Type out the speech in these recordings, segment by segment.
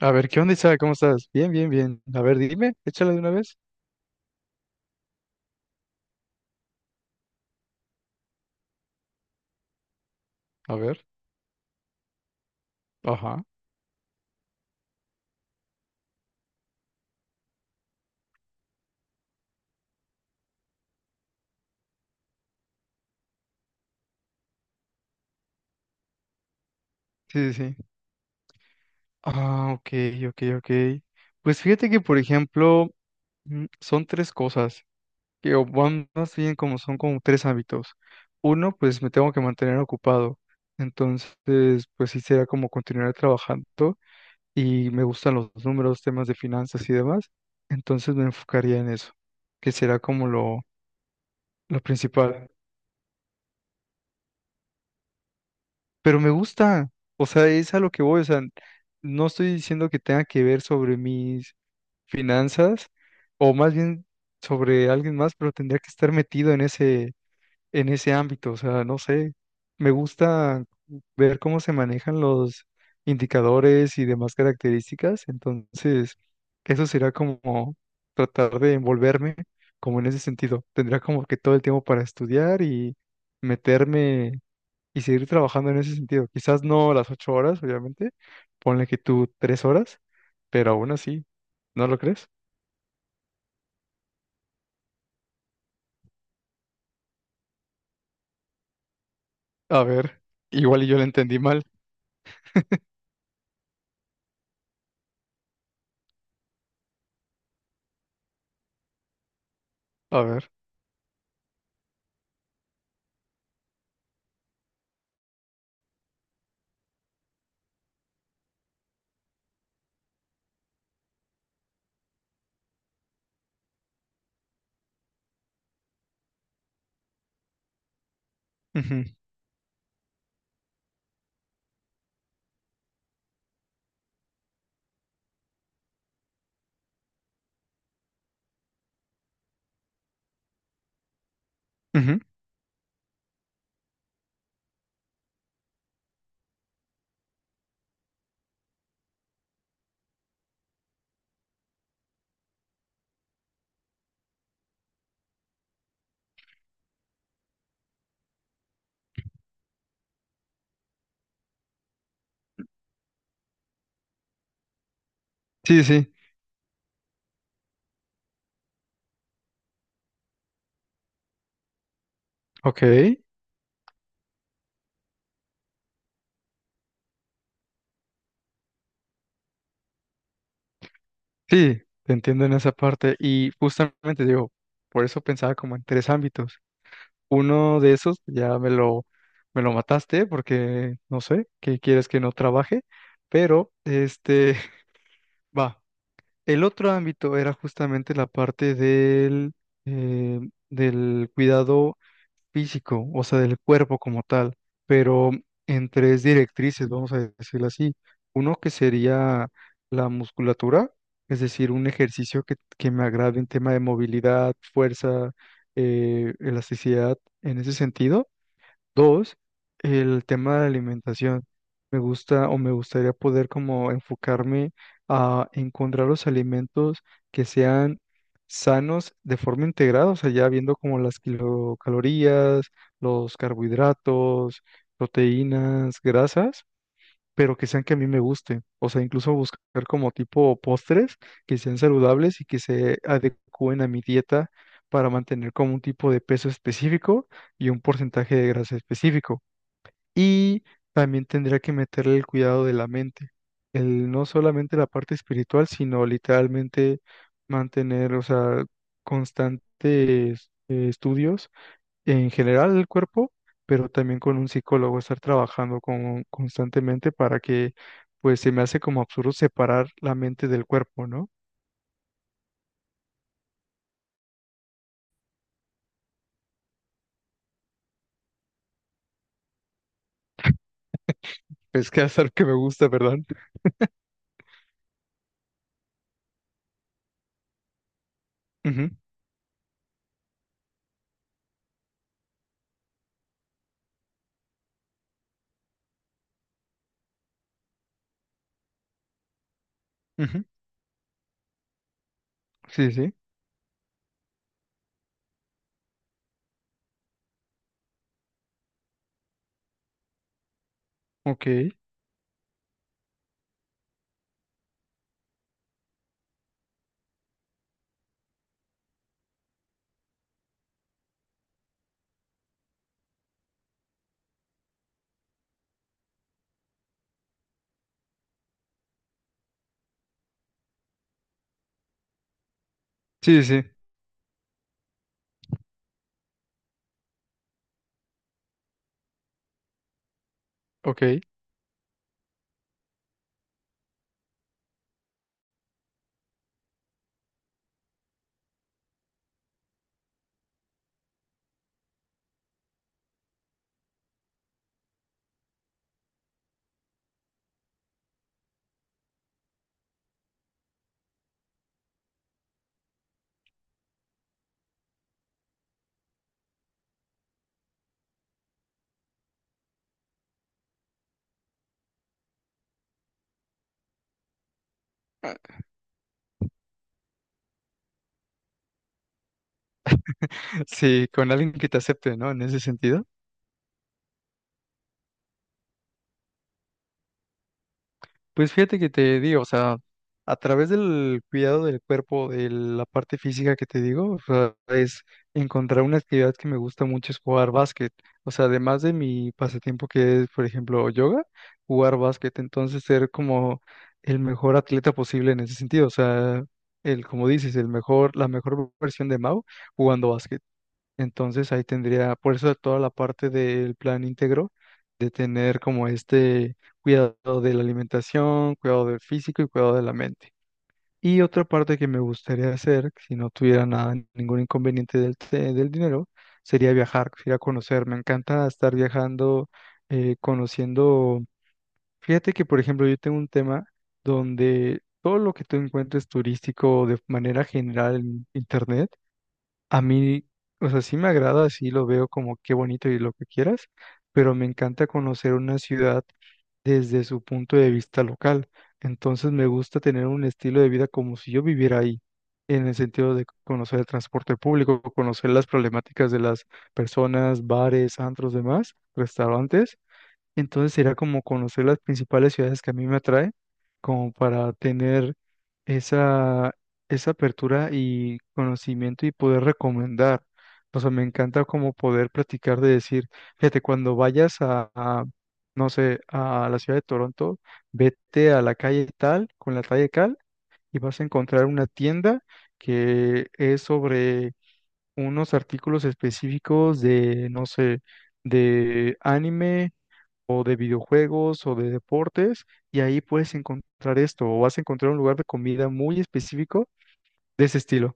A ver, ¿qué onda, Isaac? ¿Cómo estás? Bien, bien, bien. A ver, dime, échala de una vez. A ver, ajá. Sí, sí, sí. Ah, ok, ok, ok. Pues fíjate que, por ejemplo, son tres cosas, que o van más bien como son como tres hábitos. Uno, pues me tengo que mantener ocupado. Entonces, pues sí será como continuar trabajando y me gustan los números, temas de finanzas y demás. Entonces me enfocaría en eso, que será como lo principal. Pero me gusta, o sea, es a lo que voy, o sea, no estoy diciendo que tenga que ver sobre mis finanzas o más bien sobre alguien más, pero tendría que estar metido en ese ámbito, o sea, no sé, me gusta ver cómo se manejan los indicadores y demás características, entonces eso será como tratar de envolverme como en ese sentido, tendría como que todo el tiempo para estudiar y meterme y seguir trabajando en ese sentido. Quizás no las 8 horas, obviamente, ponle que tú 3 horas, pero aún así, ¿no lo crees? A ver, igual y yo lo entendí mal. A ver. Ujú, ujú. Sí, sí, ok. Sí, te entiendo en esa parte. Y justamente digo, por eso pensaba como en tres ámbitos. Uno de esos ya me lo mataste porque no sé, que quieres que no trabaje, pero este, va. El otro ámbito era justamente la parte del, eh, del cuidado físico, o sea, del cuerpo como tal, pero en tres directrices, vamos a decirlo así. Uno que sería la musculatura, es decir, un ejercicio que me agrade en tema de movilidad, fuerza, elasticidad, en ese sentido. Dos, el tema de la alimentación. Me gusta o me gustaría poder como enfocarme a encontrar los alimentos que sean sanos de forma integrada, o sea, ya viendo como las kilocalorías, los carbohidratos, proteínas, grasas pero que sean que a mí me gusten. O sea, incluso buscar como tipo postres que sean saludables y que se adecúen a mi dieta para mantener como un tipo de peso específico y un porcentaje de grasa específico. Y también tendría que meterle el cuidado de la mente, el no solamente la parte espiritual, sino literalmente mantener, o sea, constantes estudios en general el cuerpo, pero también con un psicólogo, estar trabajando con, constantemente para que, pues se me hace como absurdo separar la mente del cuerpo, ¿no? Es que es algo que me gusta, ¿verdad? Ujú, ujú, sí, sí, ok, sí, sí, sí. Ok, sí, con alguien que te acepte, ¿no? En ese sentido. Pues fíjate que te digo, o sea, a través del cuidado del cuerpo, de la parte física que te digo, o sea, es encontrar una actividad que me gusta mucho es jugar básquet. O sea, además de mi pasatiempo que es, por ejemplo, yoga, jugar básquet, entonces ser como el mejor atleta posible en ese sentido. O sea, el, como dices, el mejor, la mejor versión de Mau jugando básquet. Entonces ahí tendría, por eso toda la parte del plan íntegro, de tener como este cuidado de la alimentación, cuidado del físico y cuidado de la mente. Y otra parte que me gustaría hacer, si no tuviera nada, ningún inconveniente del, te- del dinero, sería viajar, ir a conocer. Me encanta estar viajando, conociendo. Fíjate que, por ejemplo, yo tengo un tema donde todo lo que tú encuentres turístico de manera general en Internet, a mí, o sea, sí me agrada, sí lo veo como qué bonito y lo que quieras, pero me encanta conocer una ciudad desde su punto de vista local. Entonces me gusta tener un estilo de vida como si yo viviera ahí, en el sentido de conocer el transporte público, conocer las problemáticas de las personas, bares, antros, demás, restaurantes entonces era como conocer las principales ciudades que a mí me atrae, como para tener esa, esa apertura y conocimiento y poder recomendar. O sea, me encanta como poder practicar de decir, fíjate, cuando vayas a, no sé, a la ciudad de Toronto, vete a la calle tal, con la calle tal, y vas a encontrar una tienda que es sobre unos artículos específicos de, no sé, de anime o de videojuegos o de deportes, y ahí puedes encontrar esto, o vas a encontrar un lugar de comida muy específico de ese estilo.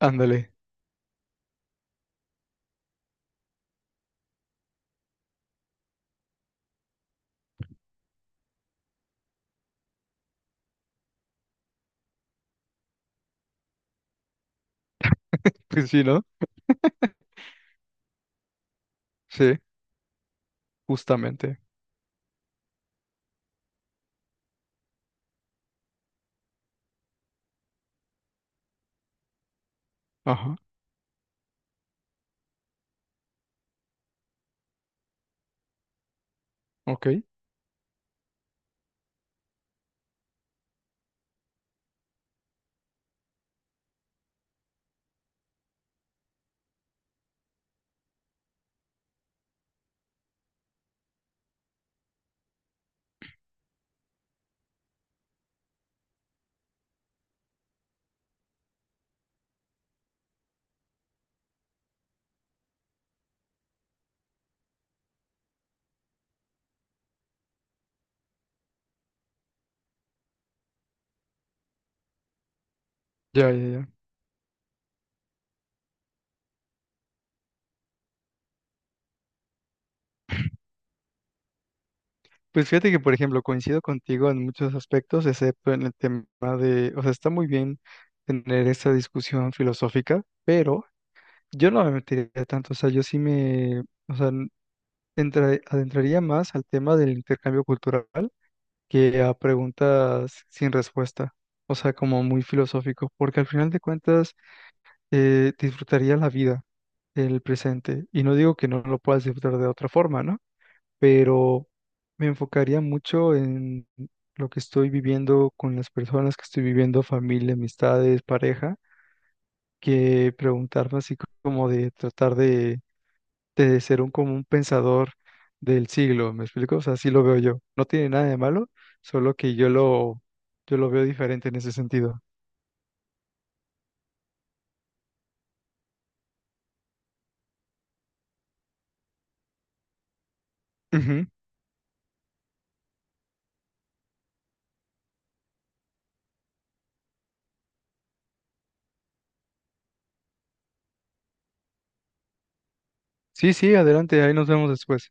Ándale, pues sí, ¿no? Sí, justamente. Ajá, ok, ya, ya, ya. Pues fíjate que, por ejemplo, coincido contigo en muchos aspectos, excepto en el tema de, o sea, está muy bien tener esta discusión filosófica, pero yo no me metería tanto, o sea, yo sí me, o sea, entra- adentraría más al tema del intercambio cultural que a preguntas sin respuesta, o sea, como muy filosófico, porque al final de cuentas disfrutaría la vida, el presente, y no digo que no lo puedas disfrutar de otra forma, ¿no? Pero me enfocaría mucho en lo que estoy viviendo con las personas que estoy viviendo, familia, amistades, pareja, que preguntarme así como de tratar de ser un como un pensador del siglo, ¿me explico? O sea, así lo veo yo. No tiene nada de malo, solo que yo lo veo diferente en ese sentido. Ujú. Sí, sí, adelante, ahí nos vemos después.